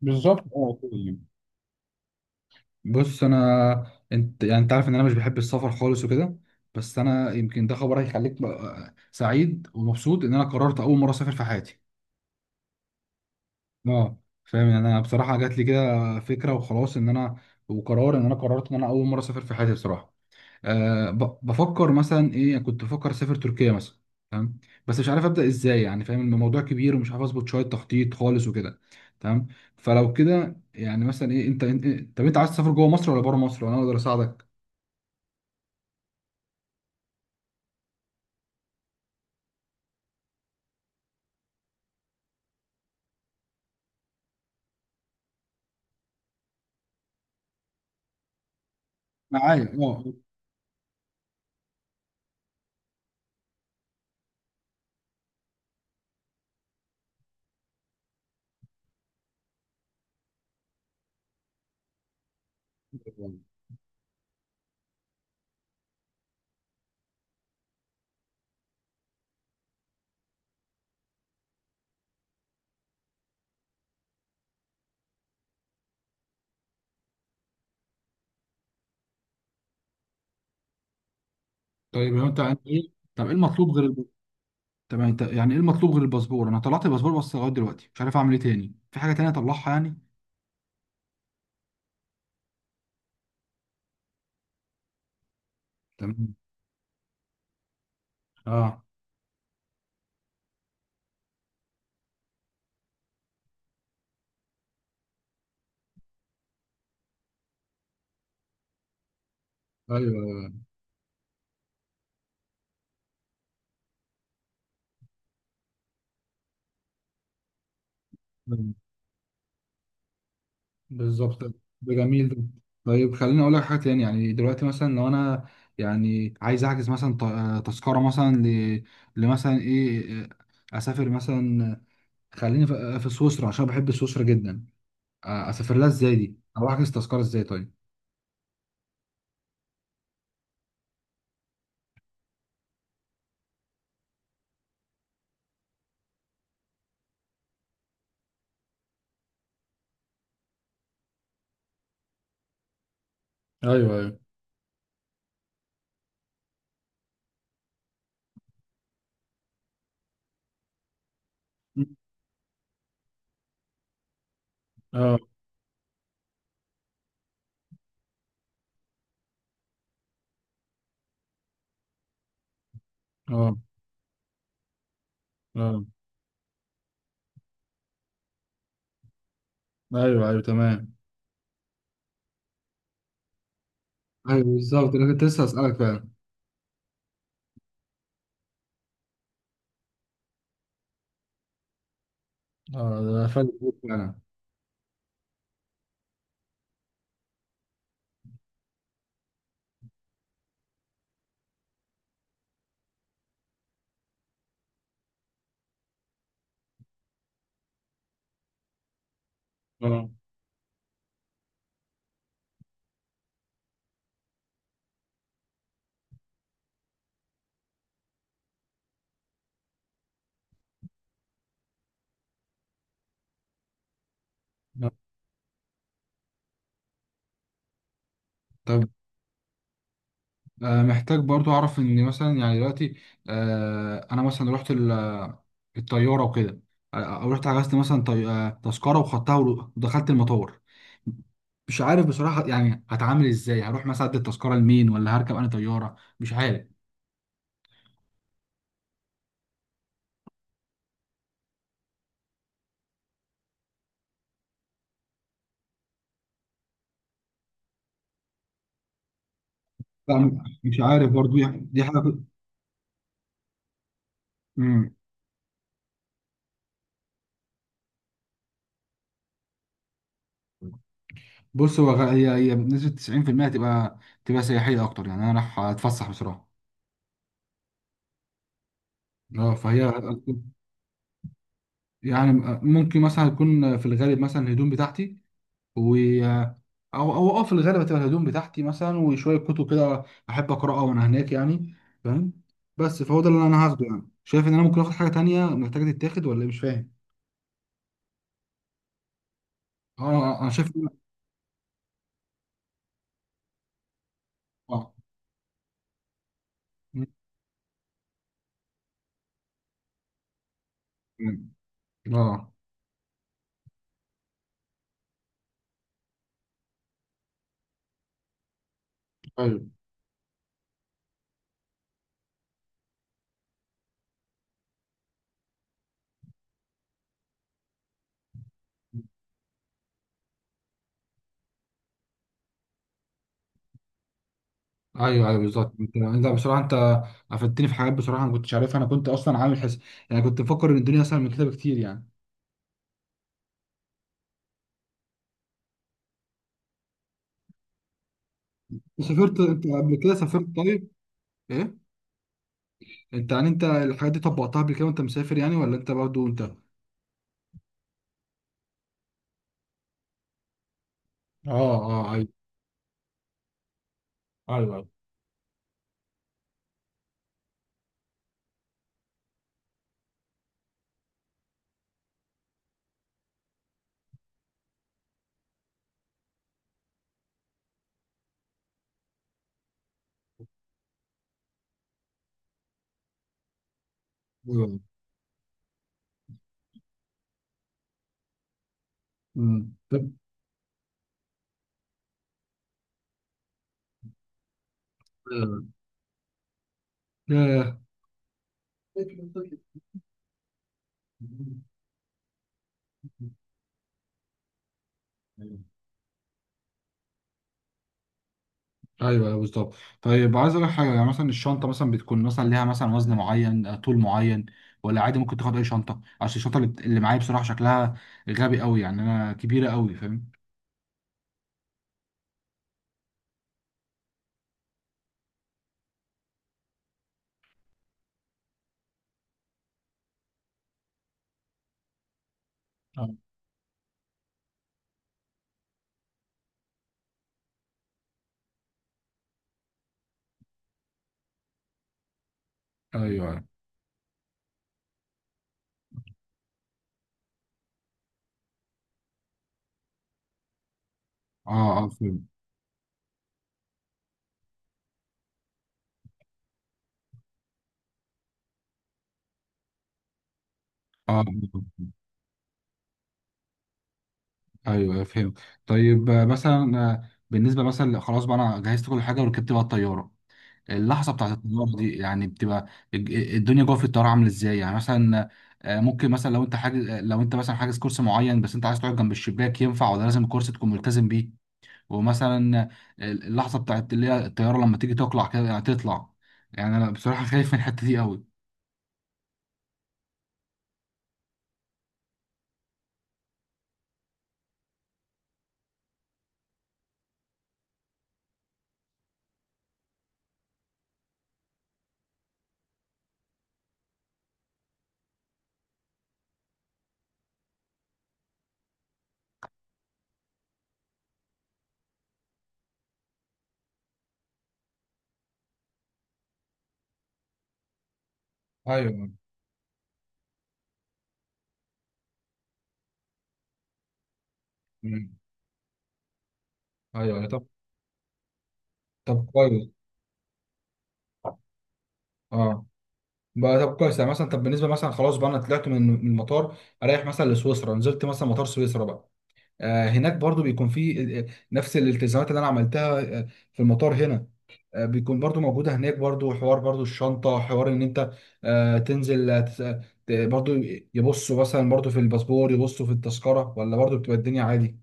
بالظبط، كده يعني. بص، انت يعني انت عارف ان انا مش بحب السفر خالص وكده. بس انا يمكن ده خبر هيخليك بقى سعيد ومبسوط ان انا قررت اول مره اسافر في حياتي. اه فاهم يعني، انا بصراحه جات لي كده فكره وخلاص، ان انا وقرار ان انا قررت ان انا اول مره اسافر في حياتي بصراحه. بفكر مثلا ايه، يعني كنت بفكر اسافر تركيا مثلا. تمام. بس مش عارف ابدا ازاي، يعني فاهم الموضوع كبير ومش عارف اظبط شويه تخطيط خالص وكده. تمام. فلو كده يعني مثلا ايه، انت انت إيه طب انت عايز تسافر جوه مصر ولا بره مصر وانا اقدر اساعدك؟ معايا، اه. طيب، هو انت انت ايه طب ايه المطلوب غير طب يعني انت، يعني ايه المطلوب غير الباسبور؟ انا طلعت الباسبور بس لغايه دلوقتي مش عارف اعمل ايه تاني، في حاجه تانية اطلعها يعني؟ تمام، اه، ايوه، أيوة. بالظبط ده. جميل ده. طيب خليني اقول لك حاجه تاني. يعني دلوقتي مثلا لو انا يعني عايز احجز مثلا تذكره مثلا لمثلا ايه، اسافر مثلا، خليني في سويسرا عشان بحب سويسرا جدا، اسافر لها ازاي دي، او احجز تذكره ازاي؟ طيب، ايوه، ايوه، اه، اه، اه، ايوه، ايوه، تمام، ايوه، بالظبط. انا كنت لسه اسالك فعلا. اه، ده فعلا. اه. آه. طب، محتاج برضو اعرف ان مثلا يعني دلوقتي، انا مثلا رحت الطياره وكده، او رحت حجزت مثلا تذكره وخدتها ودخلت المطار. مش عارف بصراحه، يعني هتعامل ازاي؟ هروح مثلا ادي التذكره لمين؟ ولا هركب انا طياره؟ مش عارف. لا مش عارف برضو يعني، دي حاجه. مم. بص هو هي بنسبه 90% هتبقى تبقى تبقى سياحيه اكتر، يعني انا رايح اتفسح بصراحه. اه فهي يعني، ممكن مثلا يكون في الغالب مثلا الهدوم بتاعتي. او او اه في الغالب هتبقى الهدوم بتاعتي مثلا، وشويه كتب كده احب اقراها وانا هناك يعني، فاهم. بس فهو ده اللي انا هاخده يعني، شايف ان انا ممكن اخد حاجه تانية محتاجه تتاخد ولا إيه؟ مش فاهم. انا شايف اه، اه، ايوه، ايوه، ايوه، بالظبط. انت بصراحه، افدتني في حاجات بصراحه، انا ما كنتش عارفها، انا كنت اصلا عامل حس، يعني كنت مفكر ان الدنيا اسهل من كده بكتير يعني. سافرت انت قبل كده؟ سافرت طيب؟ ايه؟ انت الحاجات دي طبقتها قبل كده وانت مسافر يعني؟ ولا انت برضه انت اه، ايوه، ايوه، ايوه. مم. طب، آه، ياه. ايوه، أيوة، بالظبط. طيب عايز اقول لك حاجه. يعني مثلا الشنطه مثلا بتكون مثلا ليها مثلا وزن معين، طول معين، ولا عادي ممكن تاخد اي شنطه؟ عشان الشنطه اللي معايا بصراحه شكلها غبي قوي، يعني انا كبيره قوي، فاهم. آه. ايوه، ايوه. اه، اه، فهمت. اه، آه، ايوه، فهمت. طيب، مثلا، بالنسبه مثلا خلاص بقى، انا جهزت كل حاجه وركبت بقى الطياره. اللحظه بتاعت الطياره دي يعني بتبقى، الدنيا جوه في الطياره عامله ازاي يعني مثلا؟ ممكن مثلا لو انت حاجز، لو انت مثلا حاجز كرسي معين بس انت عايز تقعد جنب الشباك، ينفع ولا لازم الكرسي تكون ملتزم بيه؟ ومثلا، اللحظه بتاعت اللي هي الطياره لما تيجي تقلع كده يعني تطلع، يعني انا بصراحه خايف من الحته دي قوي. ايوه. مم. ايوه، أيوة. طب. طب كويس. اه. بقى طب كويس، يعني مثلا طب بالنسبه مثلا خلاص بقى انا طلعت من المطار، اريح مثلا لسويسرا، نزلت مثلا مطار سويسرا بقى، هناك برضو بيكون في، نفس الالتزامات اللي انا عملتها، في المطار هنا، بيكون برضو موجودة هناك برضو؟ حوار برضو الشنطة، حوار ان انت، تنزل، برضو يبصوا مثلا برضو في الباسبور، يبصوا في التذكرة، ولا برضو بتبقى الدنيا عادي؟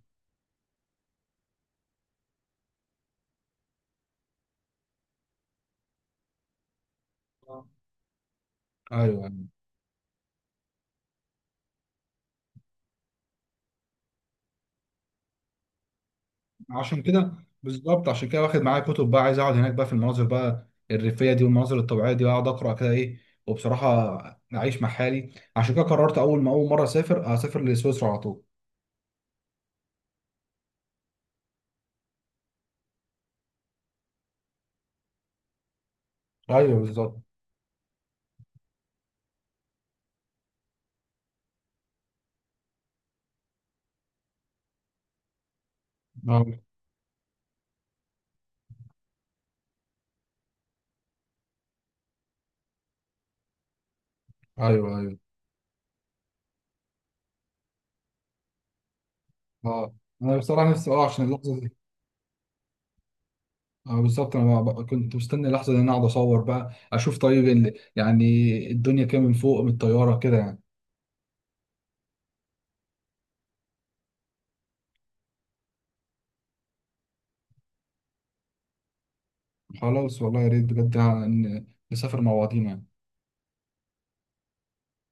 آه. ايوه. عشان كده. بالظبط، عشان كده واخد معايا كتب بقى، عايز اقعد هناك بقى في المناظر بقى الريفيه دي والمناظر الطبيعيه دي، واقعد اقرا كده، ايه. وبصراحه اعيش مع حالي. عشان كده قررت اول ما اول مره اسافر لسويسرا على طول. ايوه، بالظبط. ايوه، ايوه، اه. انا بصراحه نفسي، اه، عشان اللحظه دي. اه، بالظبط. انا بقى كنت مستني اللحظه دي إن انا اقعد اصور بقى، اشوف طيب يعني الدنيا كده من فوق من الطياره كده يعني. خلاص والله، يا ريت بجد يعني ان نسافر مع بعضينا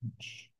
يعني.